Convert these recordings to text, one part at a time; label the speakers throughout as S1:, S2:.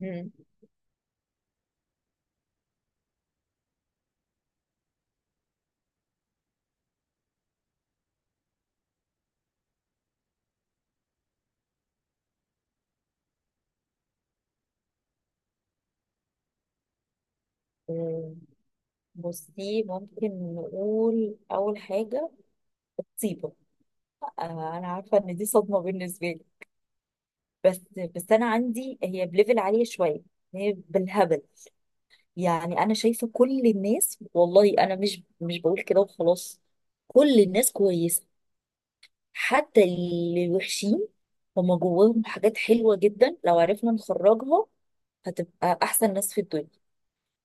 S1: مم. آه، بصي ممكن نقول أول حاجة طيبة. آه، أنا عارفة إن دي صدمة بالنسبة لي، بس بس أنا عندي هي بليفل عالية شوية. هي بالهبل. يعني أنا شايفة كل الناس، والله أنا مش بقول كده وخلاص. كل الناس كويسة، حتى اللي وحشين، هما جواهم حاجات حلوة جدا لو عرفنا نخرجها، هتبقى أحسن ناس في الدنيا.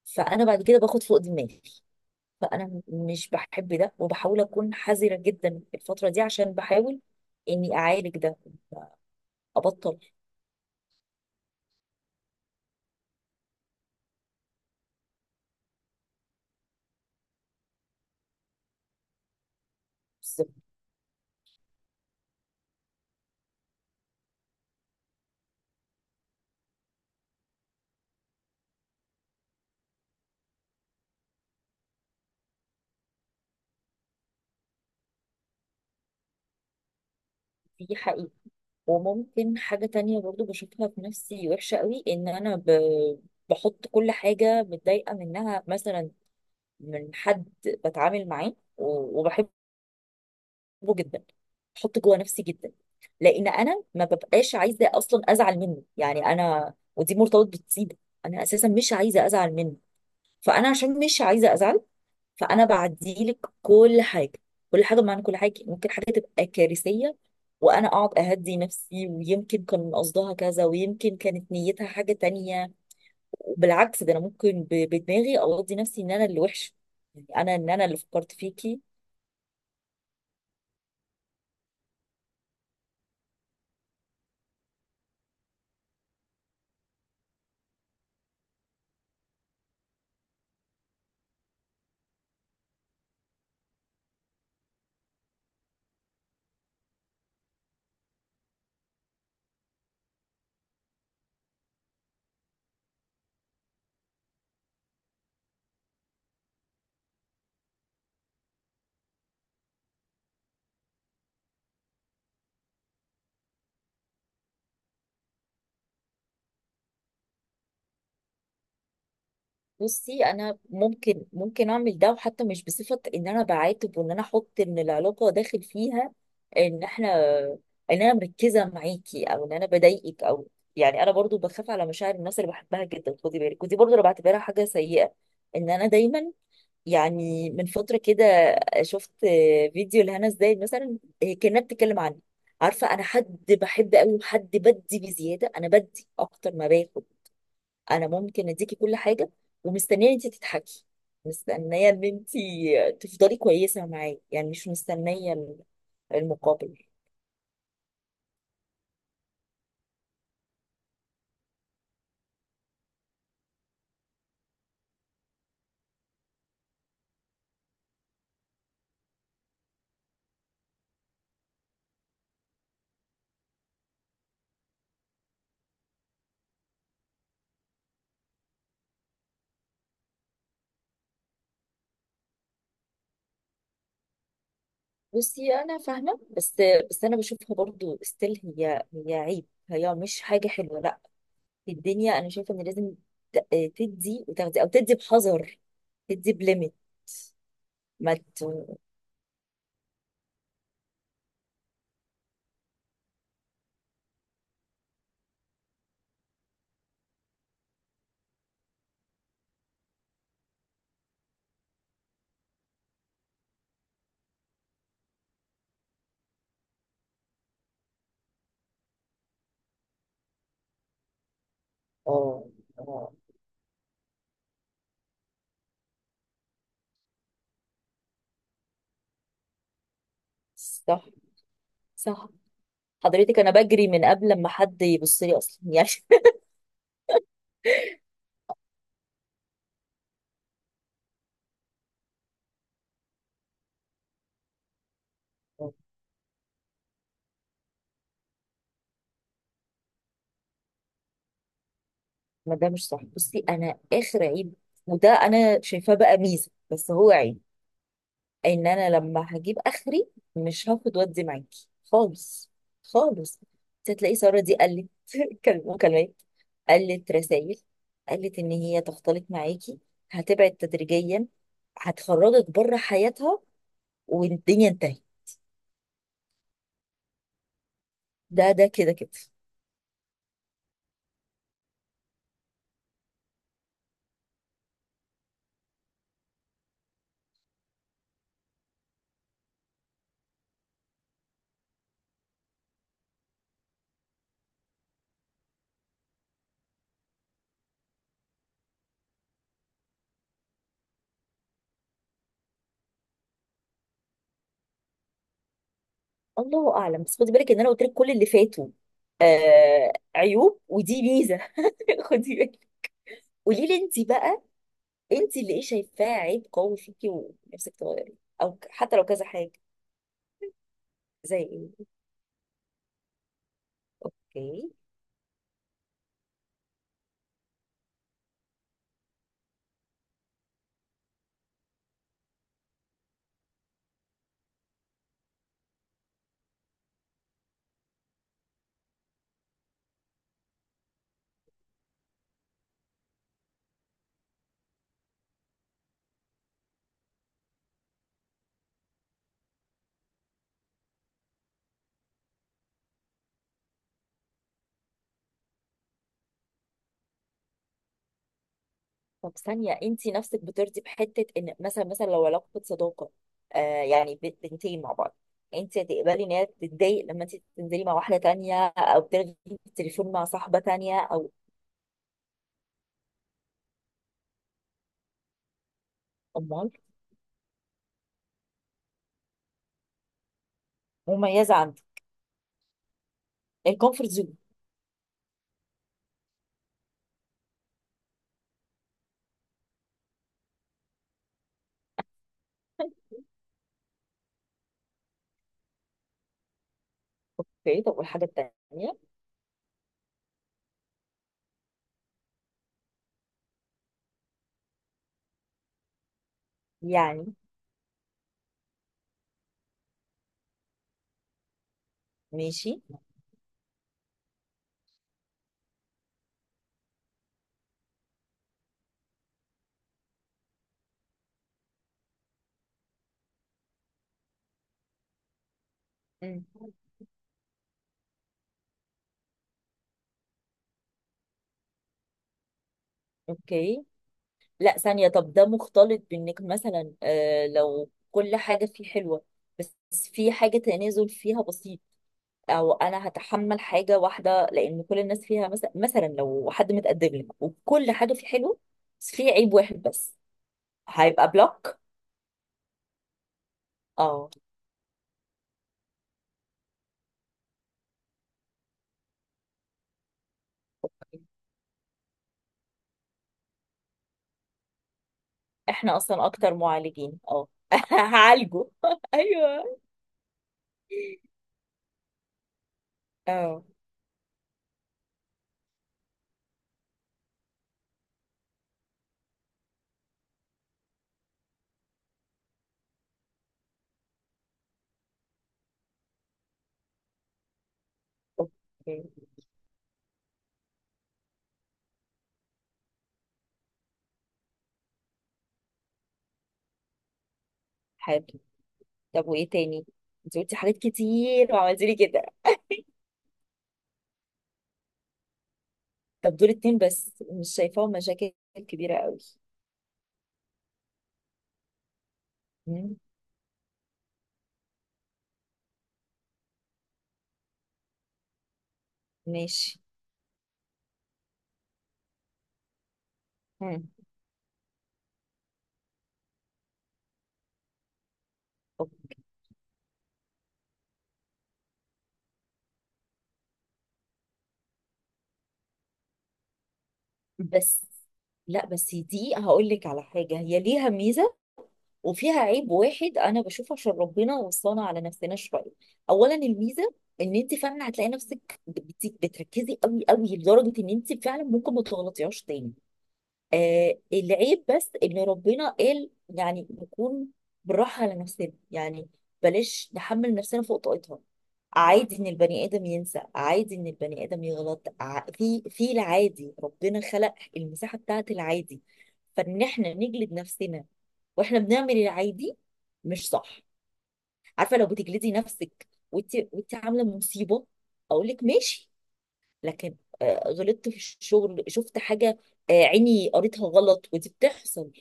S1: فأنا بعد كده باخد فوق دماغي، فانا مش بحب ده وبحاول اكون حذره جدا الفتره دي عشان بحاول اني اعالج ده ابطل. بس دي حقيقه. وممكن حاجه تانية برضو بشوفها في نفسي وحشه قوي، ان انا بحط كل حاجه متضايقه منها، مثلا من حد بتعامل معاه و- وبحبه جدا، بحط جوه نفسي جدا. لان انا ما ببقاش عايزه اصلا ازعل منه، يعني انا ودي مرتبط بالطيبه، انا اساسا مش عايزه ازعل منه، فانا عشان مش عايزه ازعل فانا بعديلك كل حاجه. كل حاجه بمعنى كل حاجه، ممكن حاجه تبقى كارثيه، وانا اقعد اهدي نفسي ويمكن كان قصدها كذا ويمكن كانت نيتها حاجه تانية. وبالعكس ده انا ممكن ب- بدماغي اقضي نفسي ان انا اللي وحش، يعني انا ان انا اللي فكرت فيكي. بصي انا ممكن اعمل ده، وحتى مش بصفه ان انا بعاتب وان انا احط ان العلاقه داخل فيها، ان احنا، ان انا مركزه معاكي او ان انا بضايقك او، يعني انا برضو بخاف على مشاعر الناس اللي بحبها جدا، خدي بالك، ودي برضو انا بعتبرها حاجه سيئه، ان انا دايما. يعني من فتره كده شفت فيديو لهنا ازاي مثلا هي كانت بتتكلم عني، عارفه انا حد بحب قوي وحد بدي بزياده، انا بدي اكتر ما باخد. انا ممكن اديكي كل حاجه، ومستنيه ان انت تضحكي، مستنيه ان انت تفضلي كويسه معايا، يعني مش مستنيه المقابل. بصي انا فاهمه، بس انا بشوفها برضو ستيل، هي عيب، هي مش حاجه حلوه، لا. في الدنيا انا شايفه ان لازم تدي وتاخدي، او تدي بحذر، تدي بليميت. ما ت... اه، اه، صح، صح، حضرتك انا بجري من قبل ما حد يبص لي اصلا يعني. ما ده مش صح. بصي انا اخر عيب، وده انا شايفاه بقى ميزه بس هو عيب، ان انا لما هجيب اخري مش هاخد ودي معاكي خالص، خالص. انت هتلاقي ساره دي قلت مكالمات، قلت رسائل، قلت ان هي تختلط معاكي، هتبعد تدريجيا، هتخرجك بره حياتها، والدنيا انتهت. ده كده كده. الله اعلم، بس خدي بالك ان انا قلت لك كل اللي فاتوا آه عيوب، ودي ميزه. خدي بالك، قولي لي انت بقى، انت اللي ايه شايفاه عيب قوي فيكي ونفسك تغيريه؟ او حتى لو كذا حاجه، زي ايه؟ اوكي. طب ثانيه، انت نفسك بترضي بحته ان مثلا لو علاقه صداقه، آه يعني بنتين مع بعض، انت هتقبلي ان هي تتضايق لما انت تنزلي مع واحده تانية او تلغي التليفون مع صاحبه تانية او؟ امال. مميزه عندي. الكومفورت زون. اوكي، طب والحاجه التانيه؟ يعني ماشي. مم. اوكي. لا ثانية، طب ده مختلط بانك مثلا لو كل حاجة فيه حلوة، بس في حاجة تنازل فيها بسيط، او انا هتحمل حاجة واحدة لان كل الناس فيها، مثلا لو حد متقدم لك وكل حاجة فيه حلوة، بس فيه عيب واحد بس، هيبقى بلوك. اه. أوكي. احنا اصلا اكتر معالجين، اه هعالجه. ايوه، اه اوكي حلو. طب وايه تاني؟ انت قلتي حاجات كتير وعملتي لي كده، طب دول اتنين بس، مش شايفاهم مشاكل كبيرة قوي. مم. ماشي. مم. أوكي. بس لا، بس دي هقول لك على حاجة، هي ليها ميزة وفيها عيب واحد أنا بشوفه عشان ربنا وصانا على نفسنا شوية. أولا الميزة، إن أنت فعلا هتلاقي نفسك بتركزي قوي قوي لدرجة إن أنت فعلا ممكن ما تغلطيهاش تاني. آه العيب بس، إن ربنا قال يعني نكون بالراحة على نفسنا، يعني بلاش نحمل نفسنا فوق طاقتها. عادي ان البني ادم ينسى، عادي ان البني ادم يغلط، في العادي ربنا خلق المساحه بتاعت العادي، فان احنا نجلد نفسنا واحنا بنعمل العادي مش صح. عارفه لو بتجلدي نفسك وانت عامله مصيبه اقول لك ماشي، لكن آه، غلطت في الشغل شفت حاجه، آه، عيني قريتها غلط ودي بتحصل.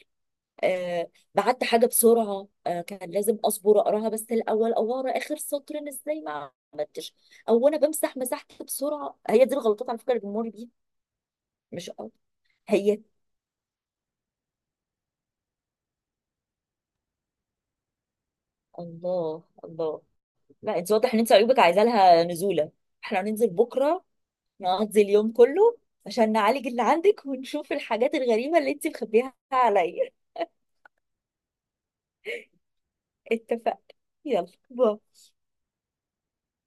S1: آه بعت حاجة بسرعة، كان لازم أصبر أقراها بس الأول، أو أقرا آخر سطر، أنا إزاي ما عملتش، أو أنا بمسح، مسحت بسرعة. هي دي الغلطات على فكرة اللي بنمر بيها، مش أكتر. هي الله الله. لا أنت واضح إن أنت عيوبك عايزة لها نزولة، إحنا هننزل بكرة نقضي اليوم كله عشان نعالج اللي عندك ونشوف الحاجات الغريبة اللي أنت مخبيها عليا. اتفقنا. يلا باي.